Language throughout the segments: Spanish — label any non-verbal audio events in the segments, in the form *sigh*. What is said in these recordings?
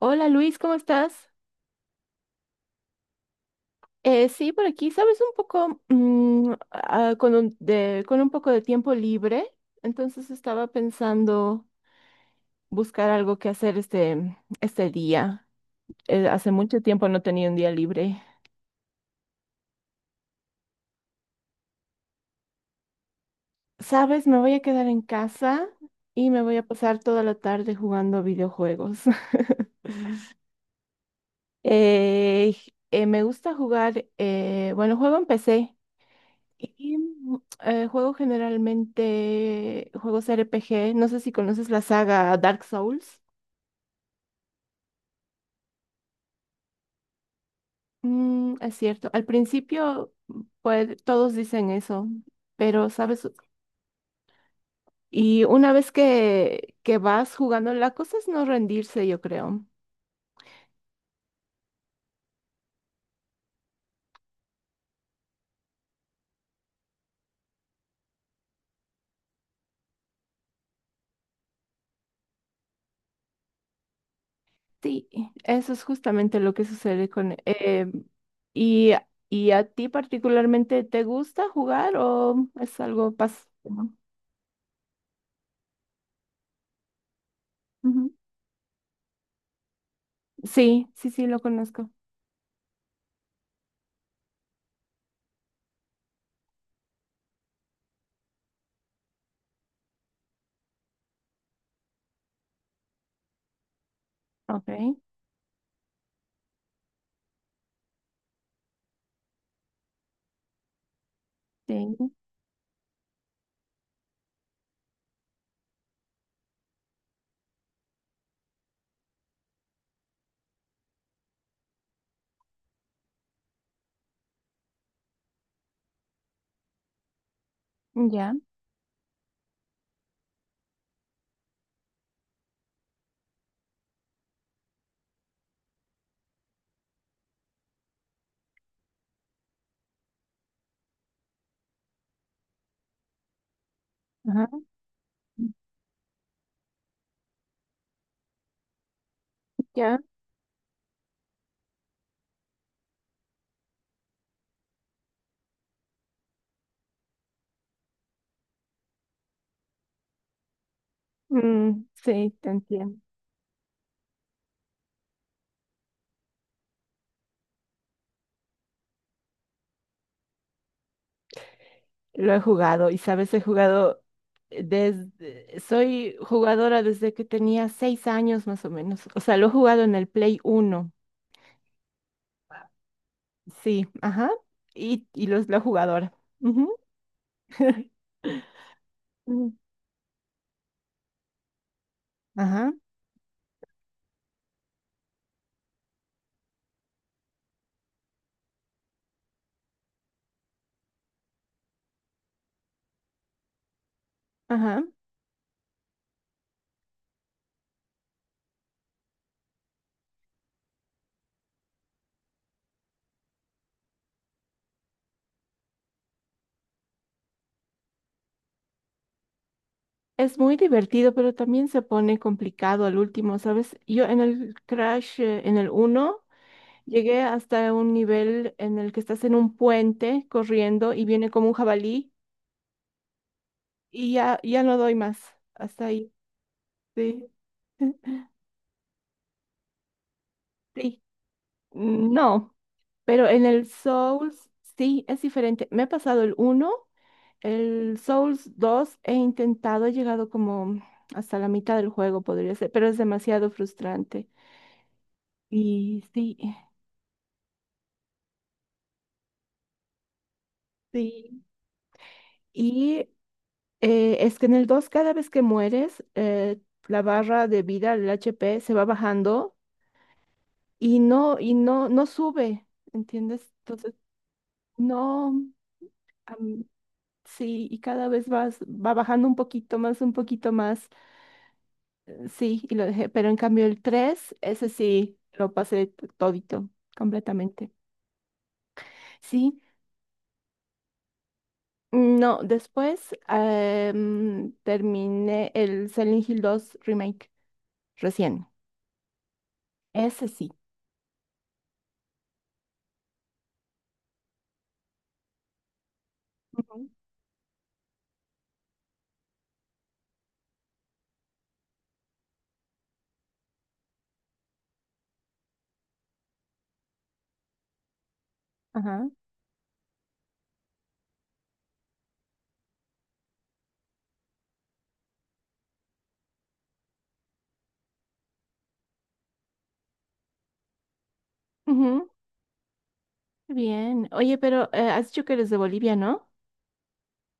Hola Luis, ¿cómo estás? Sí, por aquí, sabes, un poco con con un poco de tiempo libre, entonces estaba pensando buscar algo que hacer este día. Hace mucho tiempo no tenía un día libre. Sabes, me voy a quedar en casa y me voy a pasar toda la tarde jugando videojuegos. *laughs* Eh, Me gusta jugar, bueno, juego en PC. Y, mm, Juego generalmente juegos RPG. No sé si conoces la saga Dark Souls. Mm, es cierto. Al principio, pues todos dicen eso, pero sabes, y una vez que vas jugando, la cosa es no rendirse, yo creo. Sí, eso es justamente lo que sucede con... y, ¿Y a ti particularmente te gusta jugar o es algo pasivo? Ujú. Sí, sí, sí, lo conozco. Ok. Sí, ya, ajá, ya, mm, sí, te entiendo. Lo he jugado y sabes, he jugado desde, soy jugadora desde que tenía seis años más o menos. O sea, lo he jugado en el Play uno, sí, ajá, la jugadora. Ujú. *laughs* Mm, ajá, ajá. Es muy divertido, pero también se pone complicado al último, ¿sabes? Yo en el Crash, en el uno llegué hasta un nivel en el que estás en un puente corriendo y viene como un jabalí y ya, ya no doy más. Hasta ahí. Sí. *laughs* Sí. No. Pero en el Souls sí es diferente. Me he pasado el uno, el Souls 2 he intentado, he llegado como hasta la mitad del juego, podría ser, pero es demasiado frustrante. Y sí, sí. Y es que en el 2 cada vez que mueres, la barra de vida, el HP, se va bajando y no, no sube, ¿entiendes? Entonces, no, am, sí, y cada vez va bajando un poquito más, sí, y lo dejé, pero en cambio el 3 ese sí, todito, completamente. Sí, no, después terminé el Silent Hill 2 Remake recién, ese sí. Ujú. Ajá. Ujú, bien. Oye, pero has dicho que eres de Bolivia, ¿no?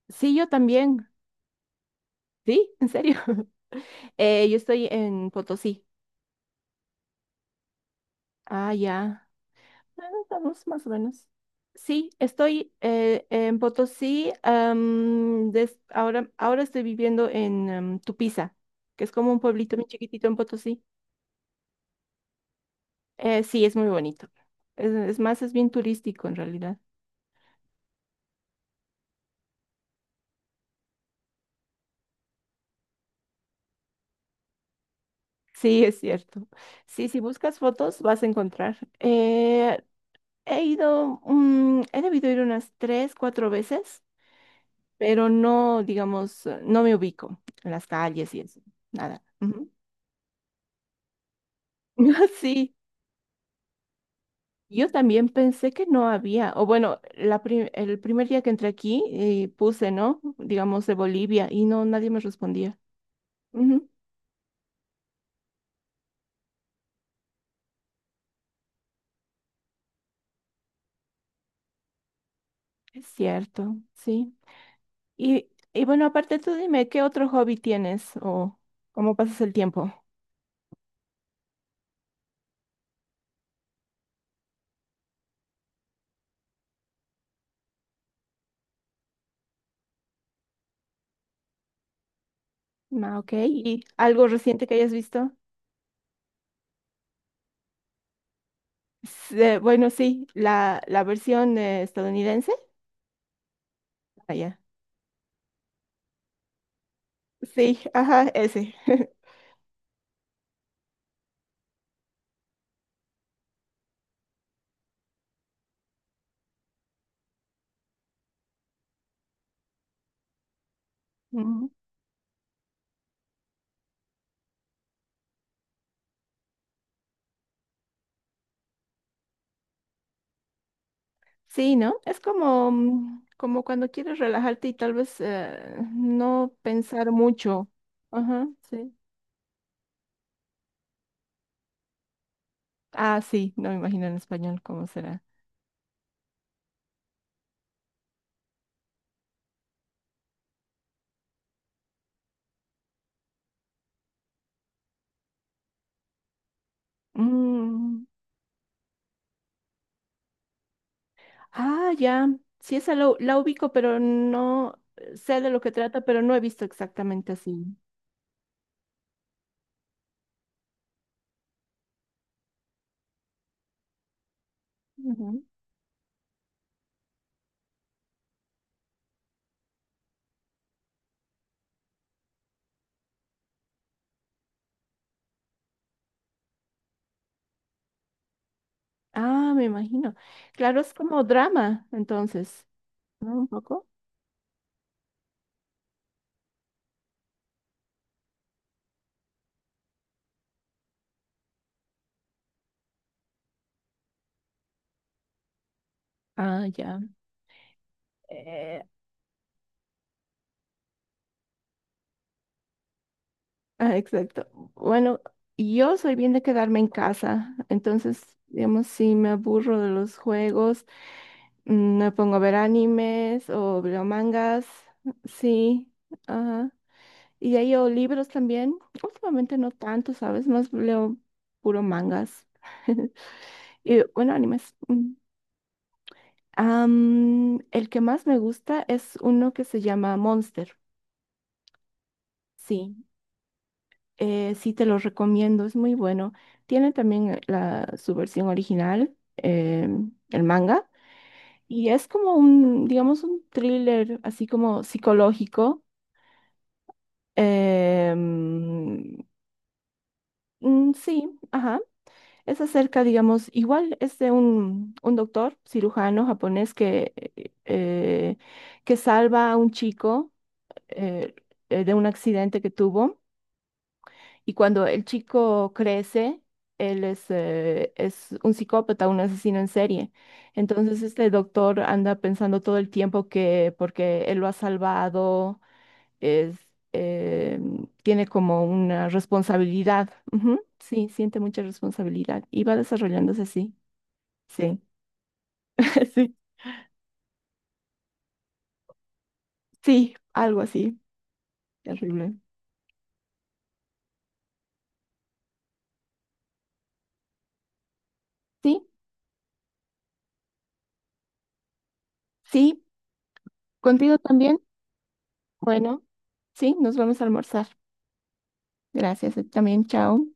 Sí, yo también. Sí, en serio. *laughs* Yo estoy en Potosí. Ah, ya. Ah, estamos más o menos. Sí, estoy en Potosí. Ahora estoy viviendo en Tupiza, que es como un pueblito muy chiquitito en Potosí. Sí, es muy bonito. Es más, es bien turístico en realidad. Sí, es cierto. Sí, si buscas fotos vas a encontrar. He ido, he debido ir unas tres, cuatro veces, pero no, digamos, no me ubico en las calles y eso, nada. Ujú. *laughs* Sí, yo también pensé que no había, o bueno, el primer día que entré aquí puse, ¿no? Digamos, de Bolivia y no, nadie me respondía. Ujú, es cierto, sí. Y, y bueno, aparte tú dime, ¿qué otro hobby tienes o cómo pasas el tiempo? Ah, ok, ¿y algo reciente que hayas visto? Bueno, sí, la versión estadounidense. Allá. Sí, ajá, ese. *laughs* Ujú. Sí, ¿no? Es como, mm, como cuando quieres relajarte y tal vez no pensar mucho. Ajá, sí. Ah, sí, no me imagino en español cómo será. Mm, ah, ya. Sí, esa la ubico, pero no sé de lo que trata, pero no he visto exactamente así. Ujú. Ah, me imagino. Claro, es como drama, entonces, ¿no? Un poco. Ah, ya. Eh, exacto. Bueno, yo soy bien de quedarme en casa, entonces, digamos, si me aburro de los juegos, me pongo a ver animes o veo mangas, sí, ajá. Y ahí leo libros también. Últimamente no tanto, ¿sabes? Más leo puro mangas. *laughs* Y bueno, animes. Mm. Am, el que más me gusta es uno que se llama Monster. Sí. Sí, te lo recomiendo, es muy bueno. Tiene también su versión original, el manga, y es como digamos, un thriller así como psicológico. eh, mm, sí, ajá. Es acerca, digamos, igual es de un doctor cirujano japonés eh, que salva a un chico eh, de un accidente que tuvo. Y cuando el chico crece, es un psicópata, un asesino en serie. Entonces este doctor anda pensando todo el tiempo que porque él lo ha salvado, es, eh, tiene como una responsabilidad. Ujú, sí, siente mucha responsabilidad y va desarrollándose así. Sí, *laughs* sí, sí, algo así. Terrible. Sí, sí, contigo también. Bueno, sí, nos vamos a almorzar. Gracias, también, chao.